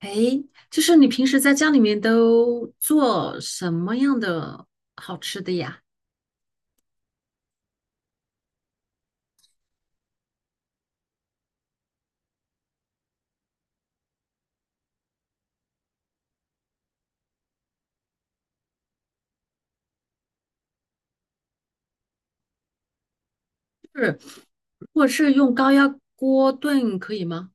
诶，就是你平时在家里面都做什么样的好吃的呀？是，如果是用高压锅炖可以吗？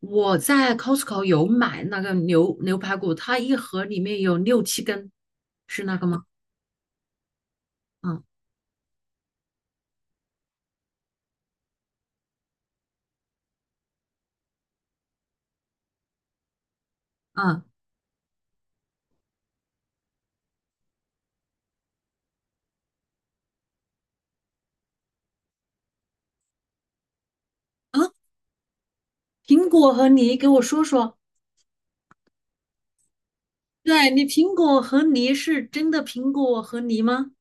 我在 Costco 有买那个牛排骨，它一盒里面有六七根，是那个吗？嗯嗯啊，苹果和梨，给我说说。对，你苹果和梨是真的苹果和梨吗？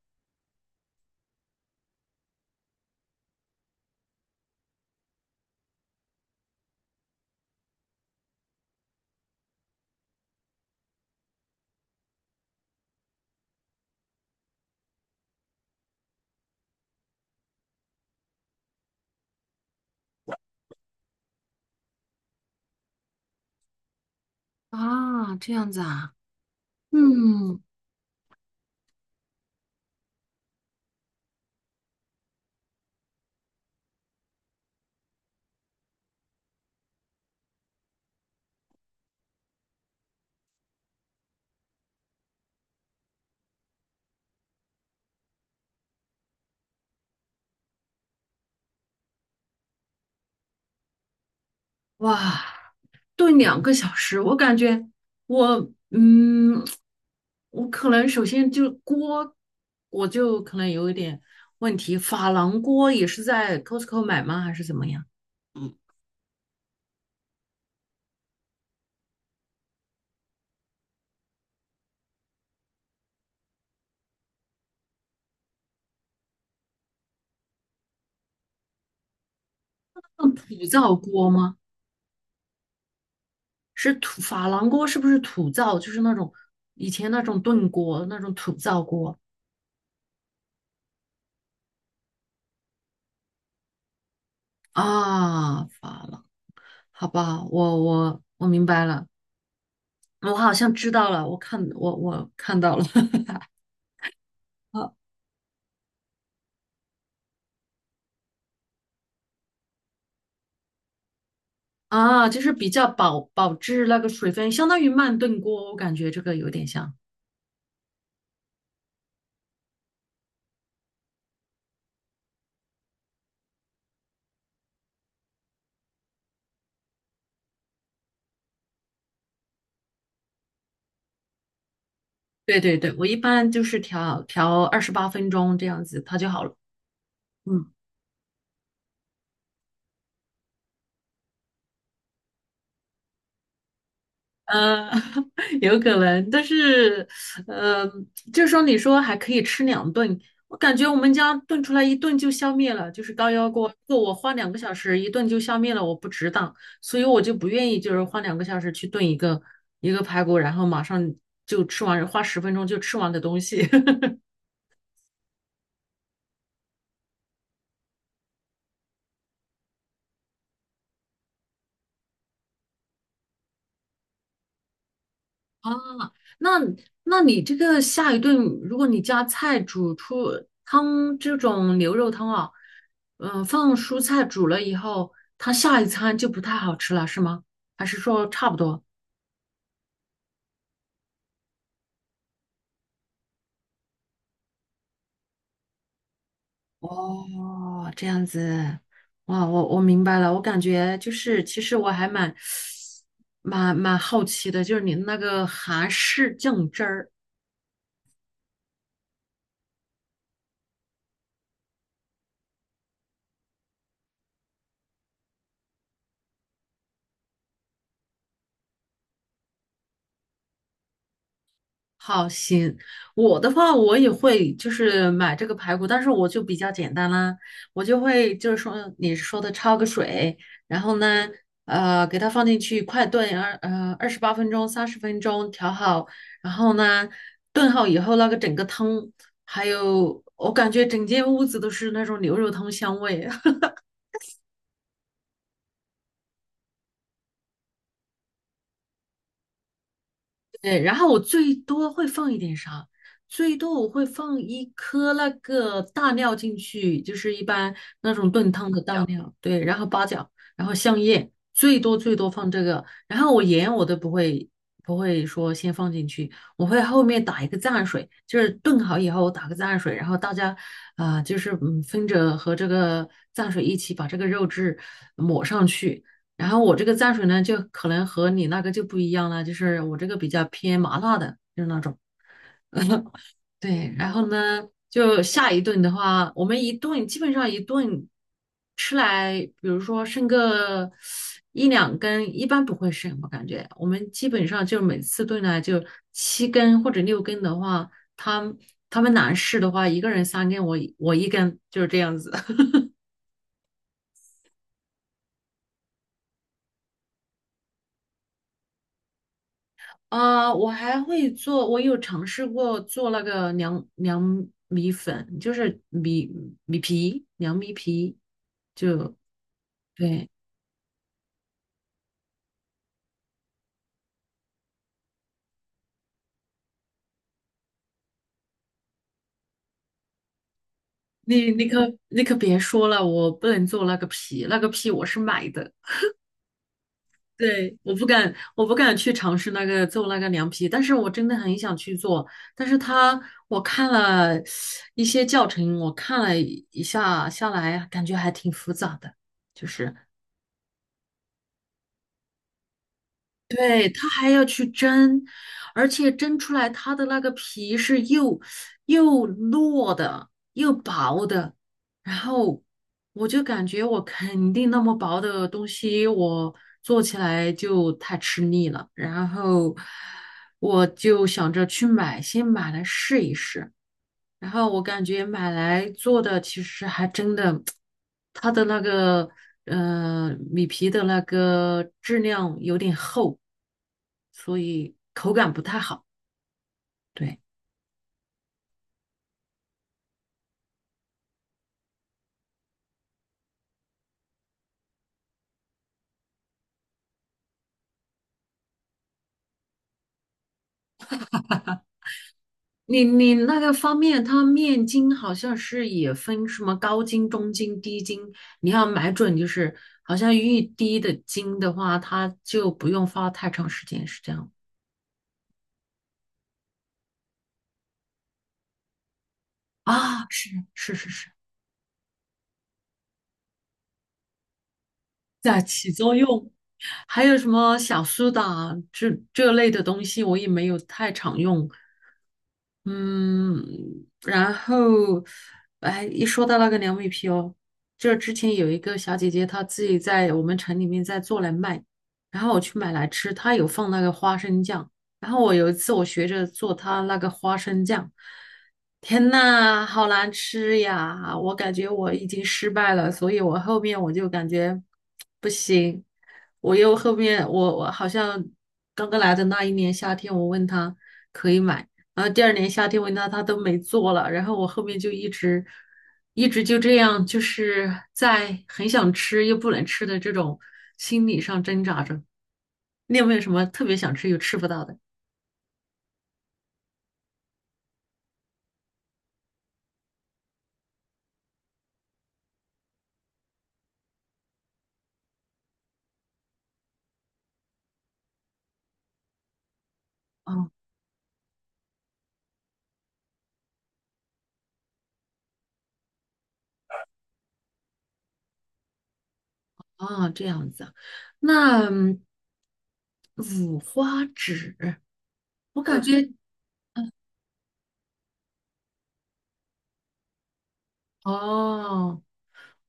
啊，这样子啊，嗯。哇，炖两个小时，我感觉我我可能首先就锅，我就可能有一点问题。珐琅锅也是在 Costco 买吗？还是怎么样？那土灶锅吗？是土珐琅锅是不是土灶？就是那种以前那种炖锅，那种土灶锅啊。珐琅，好吧，我明白了，我好像知道了，我看到了。啊，就是比较保质那个水分，相当于慢炖锅，我感觉这个有点像。对对对，我一般就是调二十八分钟这样子，它就好了。嗯，呃，有可能，但是，嗯，就是说你说还可以吃两顿，我感觉我们家炖出来一顿就消灭了，就是高压锅，如果我花两个小时一顿就消灭了，我不值当，所以我就不愿意就是花两个小时去炖一个排骨，然后马上就吃完，花十分钟就吃完的东西。啊，那那你这个下一顿，如果你加菜煮出汤这种牛肉汤啊，放蔬菜煮了以后，它下一餐就不太好吃了，是吗？还是说差不多？哦，这样子，哇，我明白了，我感觉就是，其实我还蛮好奇的，就是你那个韩式酱汁儿。好，行，我的话我也会就是买这个排骨，但是我就比较简单啦，我就会就是说你说的焯个水，然后呢，给它放进去快炖二十八分钟、30分钟调好，然后呢，炖好以后那个整个汤，还有我感觉整间屋子都是那种牛肉汤香味，对，然后我最多会放一点啥？最多我会放一颗那个大料进去，就是一般那种炖汤的大料，对，然后八角，然后香叶，最多最多放这个。然后我盐我都不会说先放进去，我会后面打一个蘸水，就是炖好以后打个蘸水，然后大家啊就是分着和这个蘸水一起把这个肉质抹上去。然后我这个蘸水呢，就可能和你那个就不一样了，就是我这个比较偏麻辣的，就是那种。对，然后呢，就下一顿的话，我们一顿基本上一顿吃来，比如说剩个一两根，一般不会剩，我感觉我们基本上就每次炖呢就七根或者六根的话，他他们男士的话，一个人三根，我一根，就是这样子。啊，我还会做，我有尝试过做那个凉米粉，就是米皮，凉米皮，就对。你可别说了，我不能做那个皮，那个皮我是买的，对，我不敢去尝试那个做那个凉皮，但是我真的很想去做，但是我看了一些教程，我看了一下下来，感觉还挺复杂的，就是。对，它还要去蒸，而且蒸出来它的那个皮是又糯的，又薄的。然后我就感觉我肯定那么薄的东西，我做起来就太吃力了。然后我就想着去买，先买来试一试。然后我感觉买来做的其实还真的，它的那个米皮的那个质量有点厚，所以口感不太好。对，你那个方面，它面筋好像是也分什么高筋、中筋、低筋，你要买准，就是好像越低的筋的话，它就不用发太长时间，是这样啊？是是是是，在起作用。还有什么小苏打这类的东西，我也没有太常用，嗯，然后，哎，一说到那个凉米皮哦，就是之前有一个小姐姐，她自己在我们城里面在做来卖，然后我去买来吃，她有放那个花生酱，然后我有一次我学着做她那个花生酱，天呐，好难吃呀！我感觉我已经失败了，所以我后面我就感觉不行，我又后面我好像刚刚来的那一年夏天，我问她可以买。然后第二年夏天维纳他都没做了，然后我后面就一直一直就这样，就是在很想吃又不能吃的这种心理上挣扎着。你有没有什么特别想吃又吃不到的？哦哦，这样子啊，那五花指，我感对觉哦，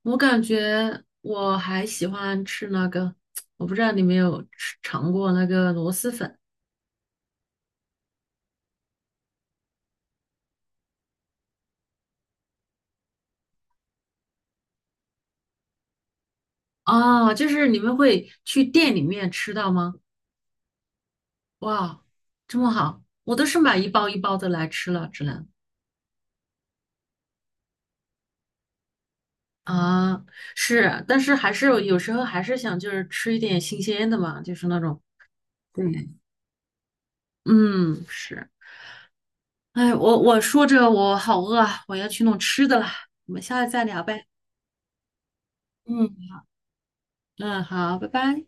我感觉我还喜欢吃那个，我不知道你有没有尝过那个螺蛳粉。哦，就是你们会去店里面吃到吗？哇，这么好，我都是买一包一包的来吃了，只能啊，是，但是还是有时候还是想就是吃一点新鲜的嘛，就是那种，对，嗯，是，哎，我说着我好饿啊，我要去弄吃的了，我们下次再聊呗，嗯，嗯，好，拜拜。